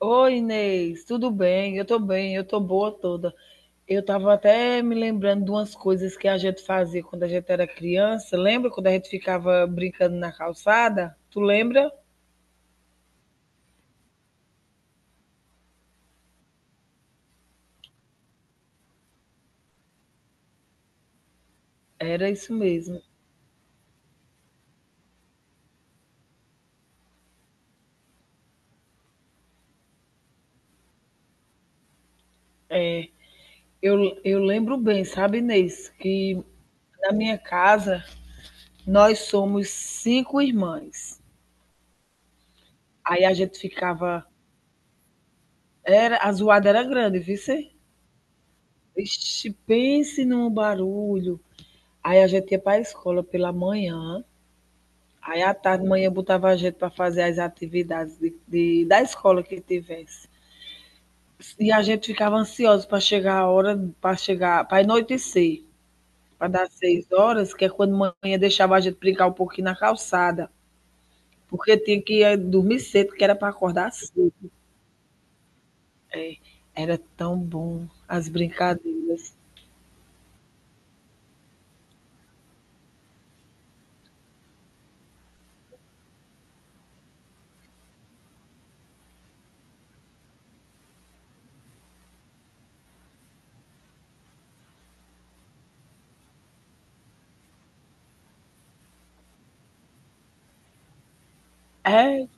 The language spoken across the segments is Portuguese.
Oi, Inês, tudo bem? Eu tô bem, eu tô boa toda. Eu tava até me lembrando de umas coisas que a gente fazia quando a gente era criança. Lembra quando a gente ficava brincando na calçada? Tu lembra? Era isso mesmo. É. Eu lembro bem, sabe, Inês, que na minha casa nós somos 5 irmãs. Aí a gente ficava. Era, a zoada era grande, viu? Cê? Ixi, pense num barulho. Aí a gente ia para a escola pela manhã. Aí à tarde, manhã, eu botava a gente para fazer as atividades da escola que tivesse. E a gente ficava ansioso para chegar a hora, para chegar, para anoitecer, para dar 6 horas, que é quando manhã deixava a gente brincar um pouquinho na calçada, porque tinha que dormir cedo, que era para acordar cedo. Era tão bom as brincadeiras. É,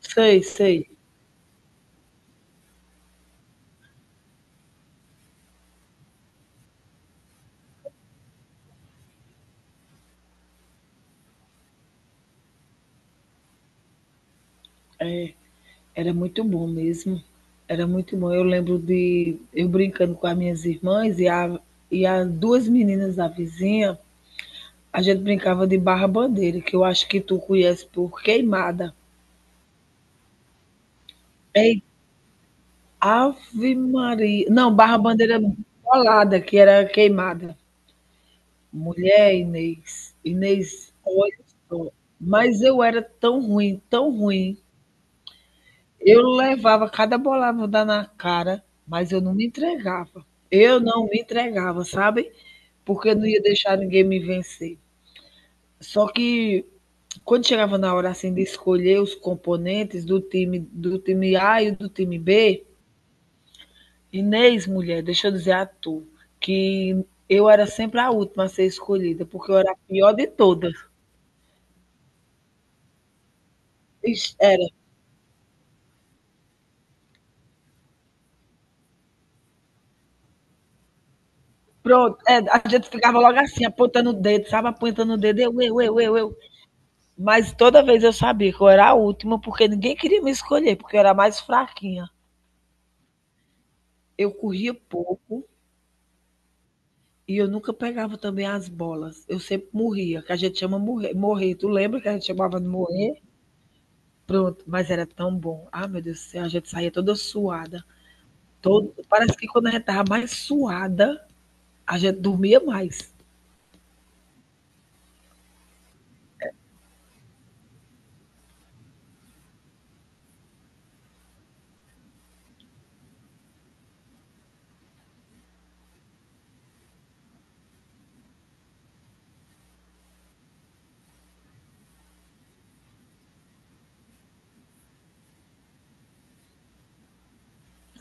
sei, sei. Era muito bom mesmo. Era muito bom. Eu lembro de eu brincando com as minhas irmãs e, a, e as duas meninas da vizinha. A gente brincava de barra-bandeira, que eu acho que tu conhece por queimada. Ei, ave Maria. Não, barra-bandeira, bolada, que era queimada. Mulher, Inês. Inês, olha só. Mas eu era tão ruim, tão ruim. Eu levava cada bolada na cara, mas eu não me entregava. Eu não me entregava, sabe? Porque eu não ia deixar ninguém me vencer. Só que quando chegava na hora assim de escolher os componentes do time A e do time B, Inês, mulher, deixa eu dizer a tu, que eu era sempre a última a ser escolhida, porque eu era a pior de todas. Ixi, era. Pronto, é, a gente ficava logo assim, apontando o dedo, sabe? Apontando o dedo, eu. Mas toda vez eu sabia que eu era a última, porque ninguém queria me escolher, porque eu era mais fraquinha. Eu corria pouco. E eu nunca pegava também as bolas, eu sempre morria, que a gente chama morrer. Tu lembra que a gente chamava de morrer? Pronto, mas era tão bom. Ah, meu Deus do céu, a gente saía toda suada, todo parece que quando a gente estava mais suada, a gente dormia mais.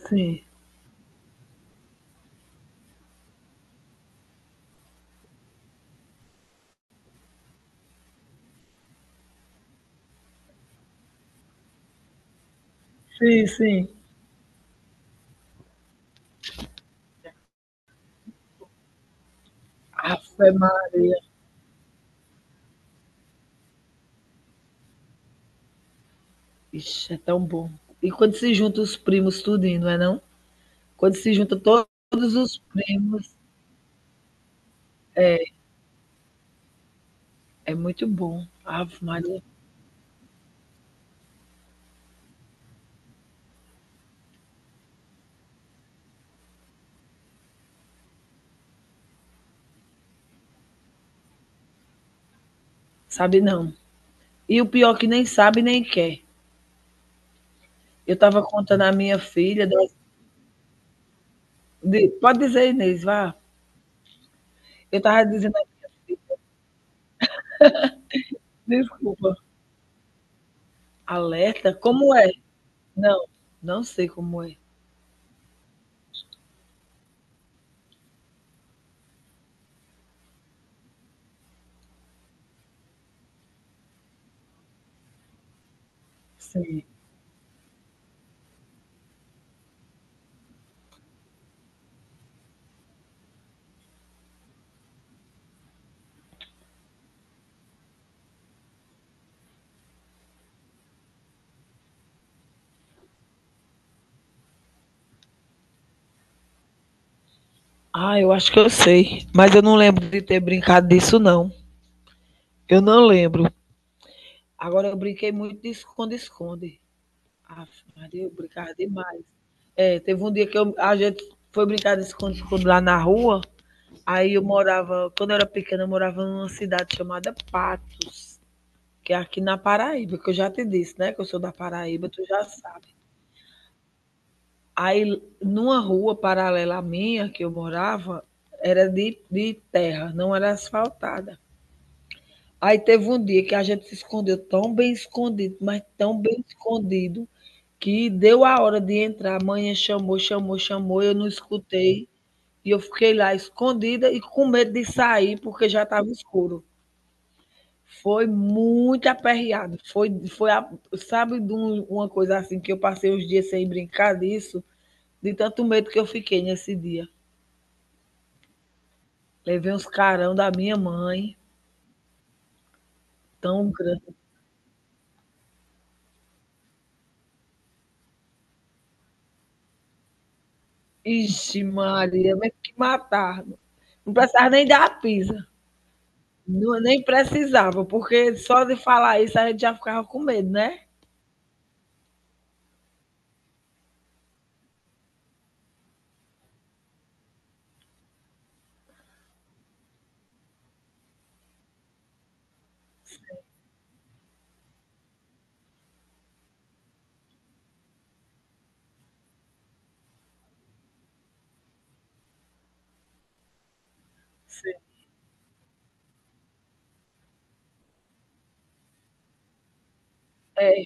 Sim, sim, sim. Ave-ma, ixi, é tão bom. E quando se junta os primos tudinho, não é não? Quando se junta to- todos os primos, é muito bom. Ave Maria, sabe não. E o pior é que nem sabe nem quer. Eu estava contando a minha filha, pode dizer, Inês, vá. Eu estava dizendo, desculpa, alerta? Como é? Não, não sei como é. Sim. Ah, eu acho que eu sei, mas eu não lembro de ter brincado disso, não. Eu não lembro. Agora, eu brinquei muito de esconde-esconde. Ah, Maria, eu brincava demais. É, teve um dia que a gente foi brincar de esconde-esconde lá na rua. Aí eu morava, quando eu era pequena, eu morava numa cidade chamada Patos. Que é aqui na Paraíba, que eu já te disse, né, que eu sou da Paraíba, tu já sabe. Aí numa rua paralela à minha que eu morava, era de terra, não era asfaltada. Aí teve um dia que a gente se escondeu tão bem escondido, mas tão bem escondido, que deu a hora de entrar. A mãe chamou, chamou, chamou, eu não escutei. E eu fiquei lá escondida e com medo de sair, porque já estava escuro. Foi muito aperreado. Sabe, uma coisa assim que eu passei os dias sem brincar disso, de tanto medo que eu fiquei nesse dia. Levei uns carão da minha mãe, tão grande. Ixi, Maria, mas que matar. Não precisava nem dar a pisa. Não, nem precisava, porque só de falar isso a gente já ficava com medo, né? Sim. É.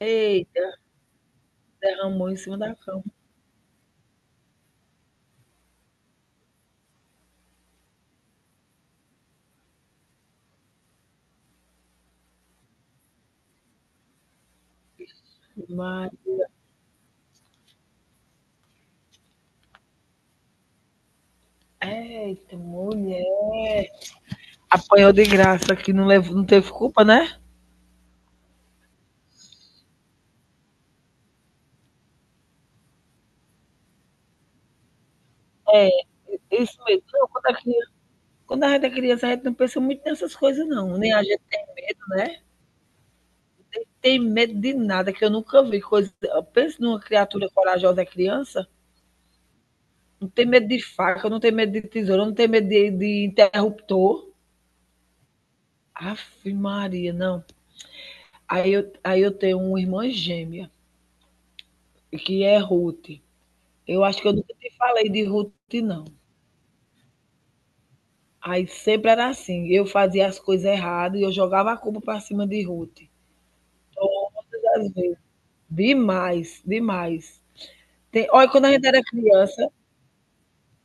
Eita, derramou em cima da cama. Mas, eita, mulher. Apanhou de graça, que não, levou, não teve culpa, né? Isso mesmo. Não, quando, a criança, quando a gente é criança, a gente não pensa muito nessas coisas, não. Nem a gente, né? Tem medo de nada, que eu nunca vi. Coisa... Pensa numa criatura corajosa é criança. Não tem medo de faca, não tem medo de tesoura, não tem medo de interruptor. Aff, Maria, não. Aí eu tenho uma irmã gêmea, que é Ruth. Eu acho que eu nunca te falei de Ruth, não. Aí sempre era assim, eu fazia as coisas erradas, e eu jogava a culpa para cima de Ruth, todas as vezes. Demais, demais. Tem olha, quando a gente era criança,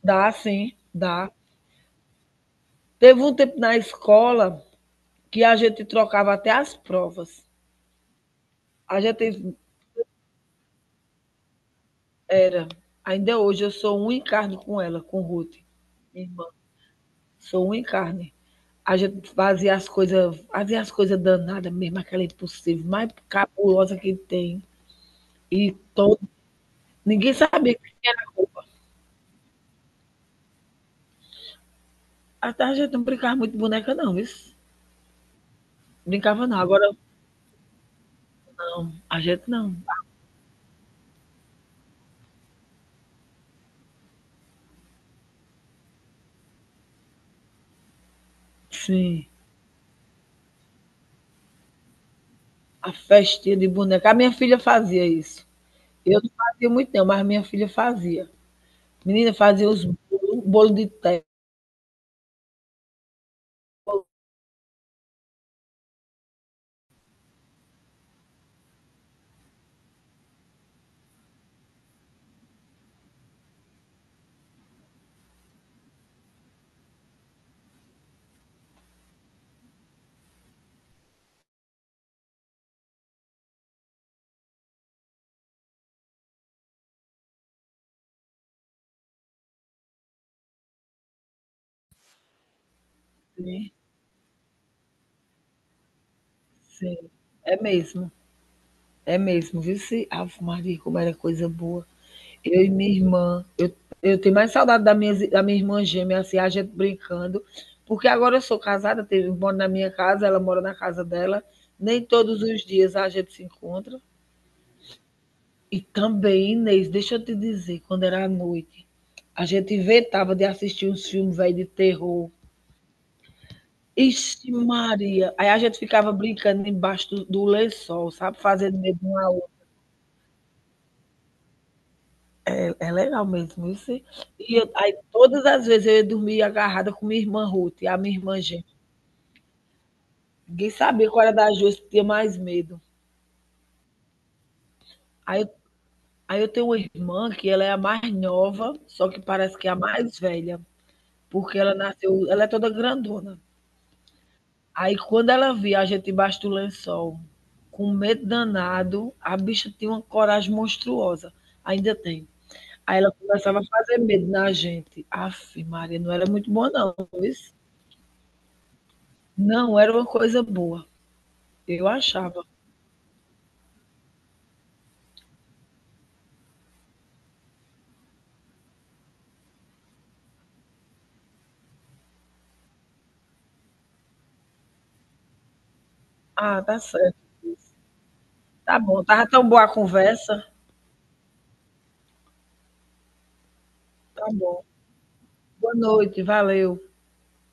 dá sim, dá. Teve um tempo na escola que a gente trocava até as provas. A gente era ainda hoje eu sou um em carne com ela, com Ruth, minha irmã, sou um em carne. A gente fazia as coisas danadas, mesmo, aquela impossível, mais cabulosa que tem. E todo ninguém sabia. À tarde a gente não brincava muito de boneca, não, viu? Brincava não, agora não. A gente não. Sim, a festinha de boneca. A minha filha fazia isso. Eu não fazia muito, não, mas minha filha fazia. Menina fazia os bolos, bolo de terra. Sim, sim. É mesmo. É mesmo. Viu se. Ave Maria, como era coisa boa. Eu e minha irmã. Eu tenho mais saudade da minha irmã gêmea, assim, a gente brincando, porque agora eu sou casada, moro na minha casa, ela mora na casa dela, nem todos os dias a gente se encontra. E também, Inês, deixa eu te dizer, quando era à noite, a gente inventava de assistir uns filmes velho de terror. Ixi, Maria! Aí a gente ficava brincando embaixo do lençol, sabe? Fazendo medo um ao outro. É é legal mesmo, isso. E aí todas as vezes eu ia dormir agarrada com minha irmã Ruth, a minha irmã gêmea. Ninguém sabia qual era das duas que tinha mais medo. Aí, eu- aí eu tenho uma irmã que ela é a mais nova, só que parece que é a mais velha, porque ela nasceu, ela é toda grandona. Aí quando ela via a gente embaixo do lençol, com um medo danado, a bicha tinha uma coragem monstruosa. Ainda tem. Aí ela começava a fazer medo na gente. Aff, Maria, não era muito boa não, isso. Não era uma coisa boa. Eu achava. Ah, tá certo. Tá bom, tava tão boa a conversa. Tá bom. Boa noite, valeu.